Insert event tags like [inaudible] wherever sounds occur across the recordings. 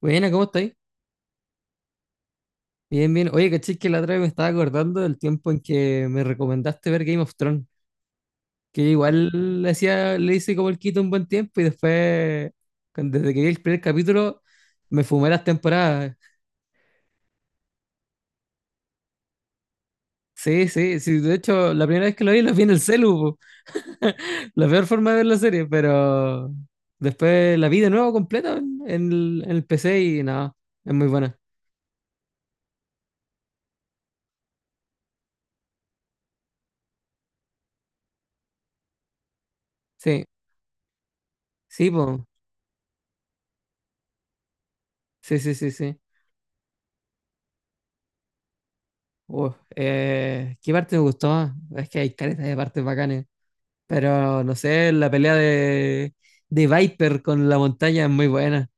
Buena, ¿cómo estáis? Bien, bien. Oye, caché que la otra vez me estaba acordando del tiempo en que me recomendaste ver Game of Thrones, que igual le hacía, le hice como el quito un buen tiempo y después, desde que vi el primer capítulo, me fumé las temporadas. Sí, sí, sí. De hecho, la primera vez que lo vi en el celu, po. La peor forma de ver la serie, pero después la vi de nuevo completa en el PC y nada, es muy buena. Sí, sí, po. Sí, sí, sí, sí. Uf, ¿qué parte me gustó más? Es que hay caretas de partes bacanes. Pero no sé, de Viper con la montaña es muy buena.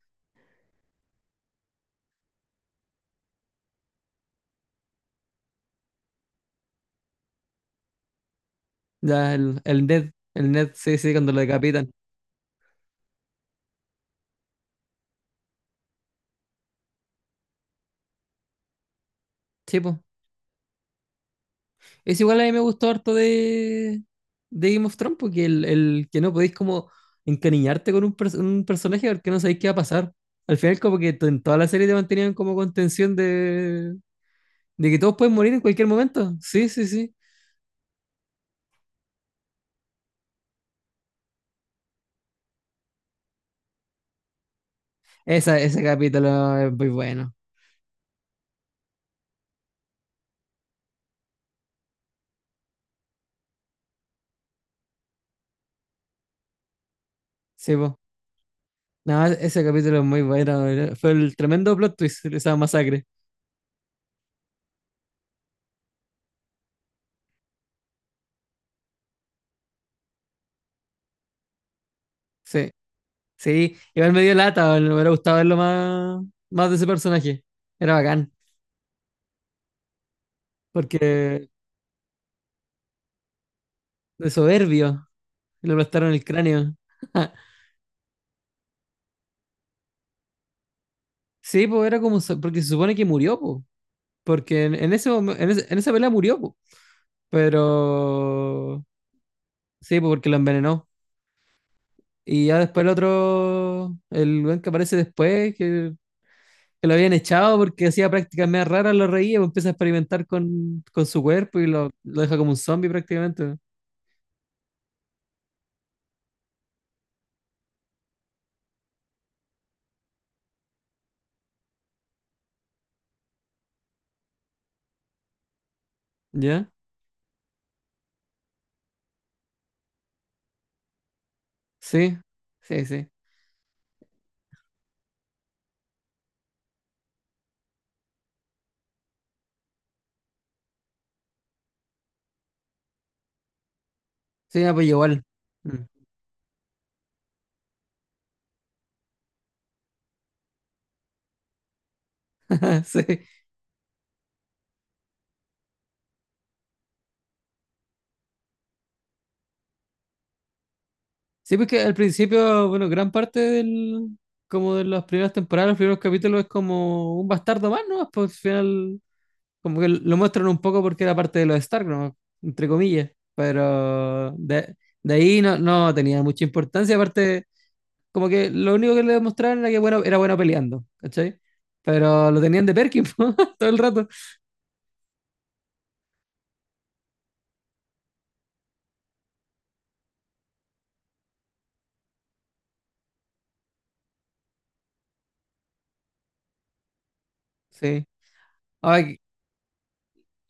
El Ned, sí, sí, cuando lo decapitan. Sí, po. Es igual a mí me gustó harto de Game of Thrones, porque el que no podéis como encariñarte con un personaje porque no sabéis qué va a pasar. Al final, en toda la serie te mantenían como con tensión de que todos pueden morir en cualquier momento. Sí, sí, sí. Ese capítulo es muy bueno. Sí, po. No, ese capítulo es muy bueno. Fue el tremendo plot twist, esa masacre. Sí, sí. Igual me dio lata, me hubiera gustado verlo más, más de ese personaje. Era bacán, porque de soberbio le aplastaron el cráneo. [laughs] Sí, pues era como, porque se supone que murió, po. Porque en ese, momen- en ese- en esa pelea murió, po. Pero sí, po, porque lo envenenó. Y ya después el otro, el buen que aparece después, que lo habían echado porque hacía prácticas más raras, lo reía, pues empieza a experimentar con su cuerpo y lo deja como un zombie prácticamente. ¿Ya? Sí, sí, sí. Sí, ah, pues igual. Mm. [laughs] Ah, sí, sí, porque al principio, bueno, como de las primeras temporadas, los primeros capítulos es como un bastardo más, ¿no? Pues al final, como que lo muestran un poco porque era parte de los Stark, ¿no? Entre comillas. De ahí no, no tenía mucha importancia, aparte. Como que lo único que le demostraron era que bueno, era bueno peleando, ¿cachai? Pero lo tenían de Perkin [laughs] po, todo el rato. Sí. Ay,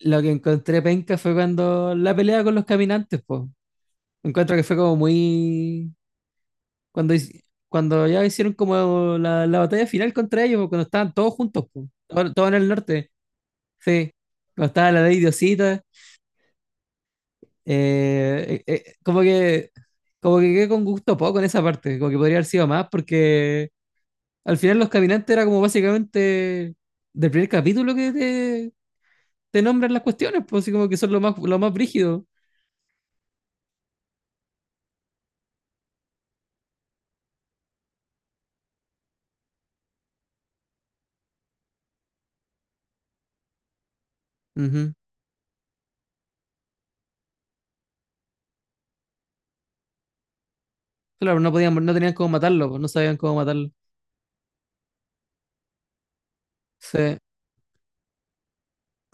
lo que encontré penca fue cuando la pelea con los caminantes, pues. Encuentro que fue como muy. Cuando ya hicieron como la batalla final contra ellos, po, cuando estaban todos juntos, po. Todo, todo en el norte. Sí. Cuando estaba la ley Diosita. eh, eh, eh, como que. Como que quedé con gusto poco en esa parte. Como que podría haber sido más porque al final los caminantes era como básicamente del primer capítulo que te nombran las cuestiones, pues así como que son lo más brígido. Ujú. Claro, no podían, no tenían cómo matarlo, pues no sabían cómo matarlo. Sí,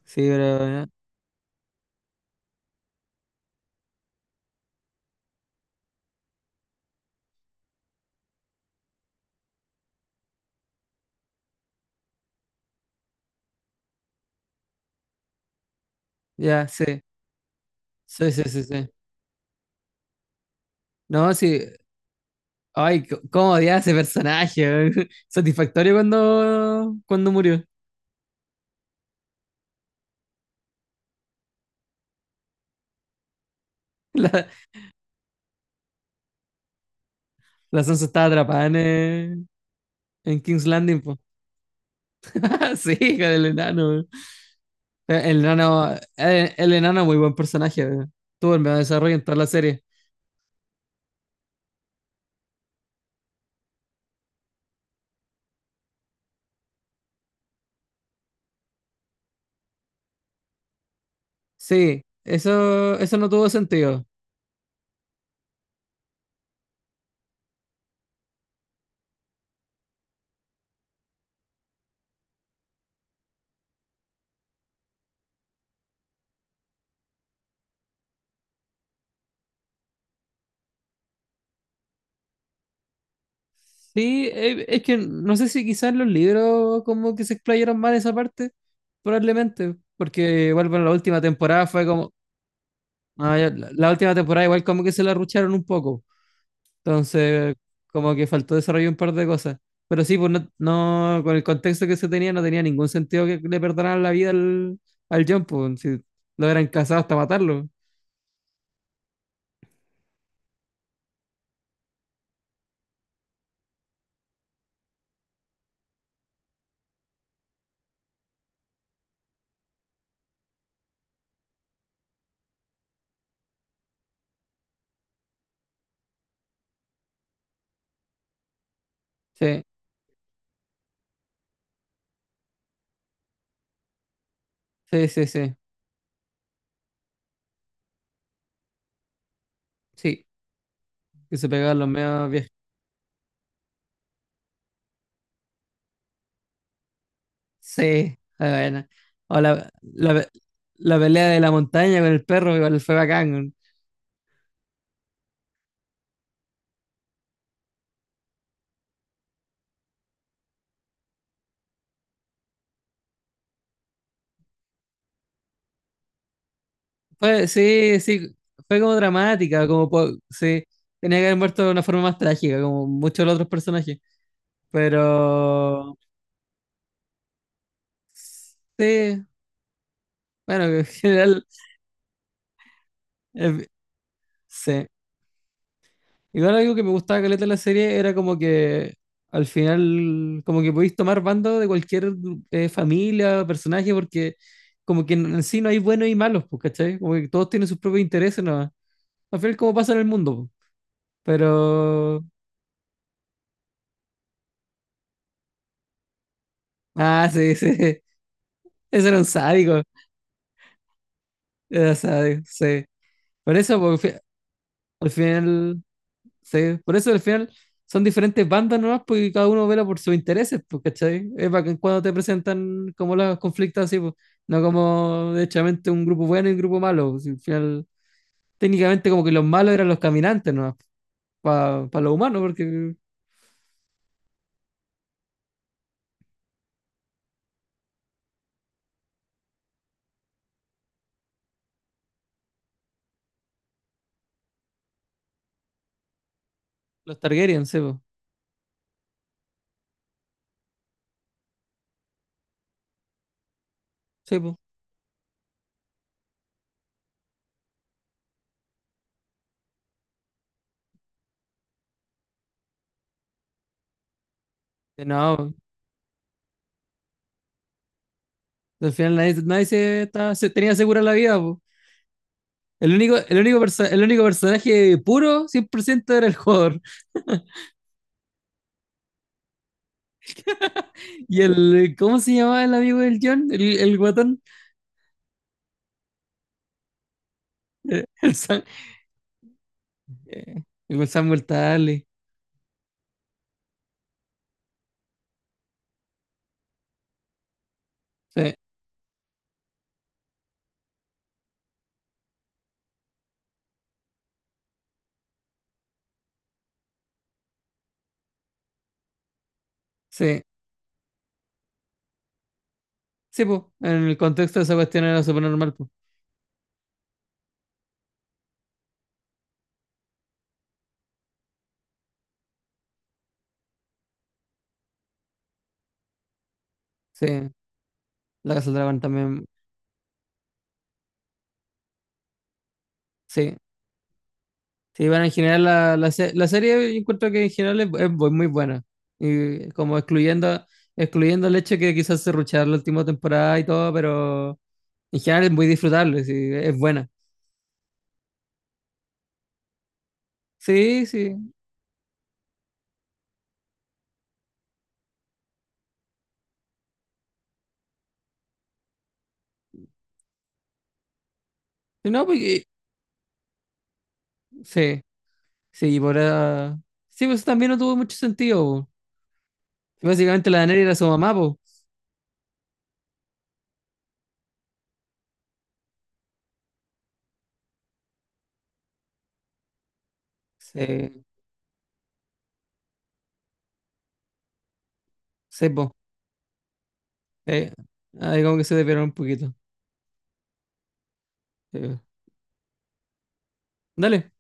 sí, ya, sí, sí, sí, sí, sí. No, sí. Ay, cómo odiaba a ese personaje, weón. [laughs] Satisfactorio cuando, cuando murió. [laughs] La, la Sansa estaba atrapada en King's Landing, pues. [laughs] Sí, hija del enano. El enano, el enano es muy buen personaje. Tuvo el mejor desarrollo en toda la serie. Sí, eso no tuvo sentido. Sí, es que no sé si quizás los libros como que se explayaron mal esa parte, probablemente, porque igual bueno, la última temporada fue como, ah, ya, la última temporada igual como que se la rucharon un poco. Entonces, como que faltó desarrollar un par de cosas. Pero sí, pues con el contexto que se tenía, no tenía ningún sentido que le perdonaran la vida al John, pues, si lo eran casados hasta matarlo. Sí, sí, sí, sí. Sí, que se pegaban los medios viejos. Sí, ah, bueno. O la, pe- La pelea de la montaña con el perro, igual fue bacán. Fue, sí, sí, fue como dramática, como sí, tenía que haber muerto de una forma más trágica, como muchos de los otros personajes. Pero sí, bueno, que en general, eh, sí. Igual algo que me gustaba caleta de la serie era como que al final, como que podéis tomar bando de cualquier familia, o personaje, porque como que en sí no hay buenos y malos, pues, ¿cachai? Como que todos tienen sus propios intereses, ¿no? Al final, como pasa en el mundo, pues. Pero. Ah, sí, sí. [laughs] Ese era un sádico. Era sádico, sí. Por eso, porque al final. Sí, por eso al final son diferentes bandas nomás, porque cada uno vela por sus intereses, pues, ¿cachai? Es bacán cuando te presentan como los conflictos así, pues, no como derechamente un grupo bueno y un grupo malo, pues, si al final, técnicamente como que los malos eran los caminantes nomás, para los humanos, porque los Targaryen, sí, pues. Sí, pues. Que no, al final nadie, se tenía segura la vida, pues. El único personaje puro, 100% era el jugador. Y el, ¿cómo se llamaba el amigo del John? El guatón. El, [laughs] el, Sam- Eh, y con Samuel Tarly. Sí, sí. Sí, pues, en el contexto de esa cuestión era súper normal, pues. Sí, la Casa del Dragón también. Sí, sí, bueno, en general la serie yo encuentro que en general es, muy buena. Y como excluyendo, excluyendo el hecho que quizás se rucharon la última temporada y todo, pero en general es muy disfrutable, sí, es buena. Sí, sí. Sí, no, porque, sí, sí, y por ah, sí, pues también no tuvo mucho sentido, po. Básicamente la Daenerys era su mamá, pues. Sí, sí, po. Eh, ahí como que se desviaron un poquito. Eh, dale,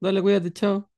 dale, cuídate, chao.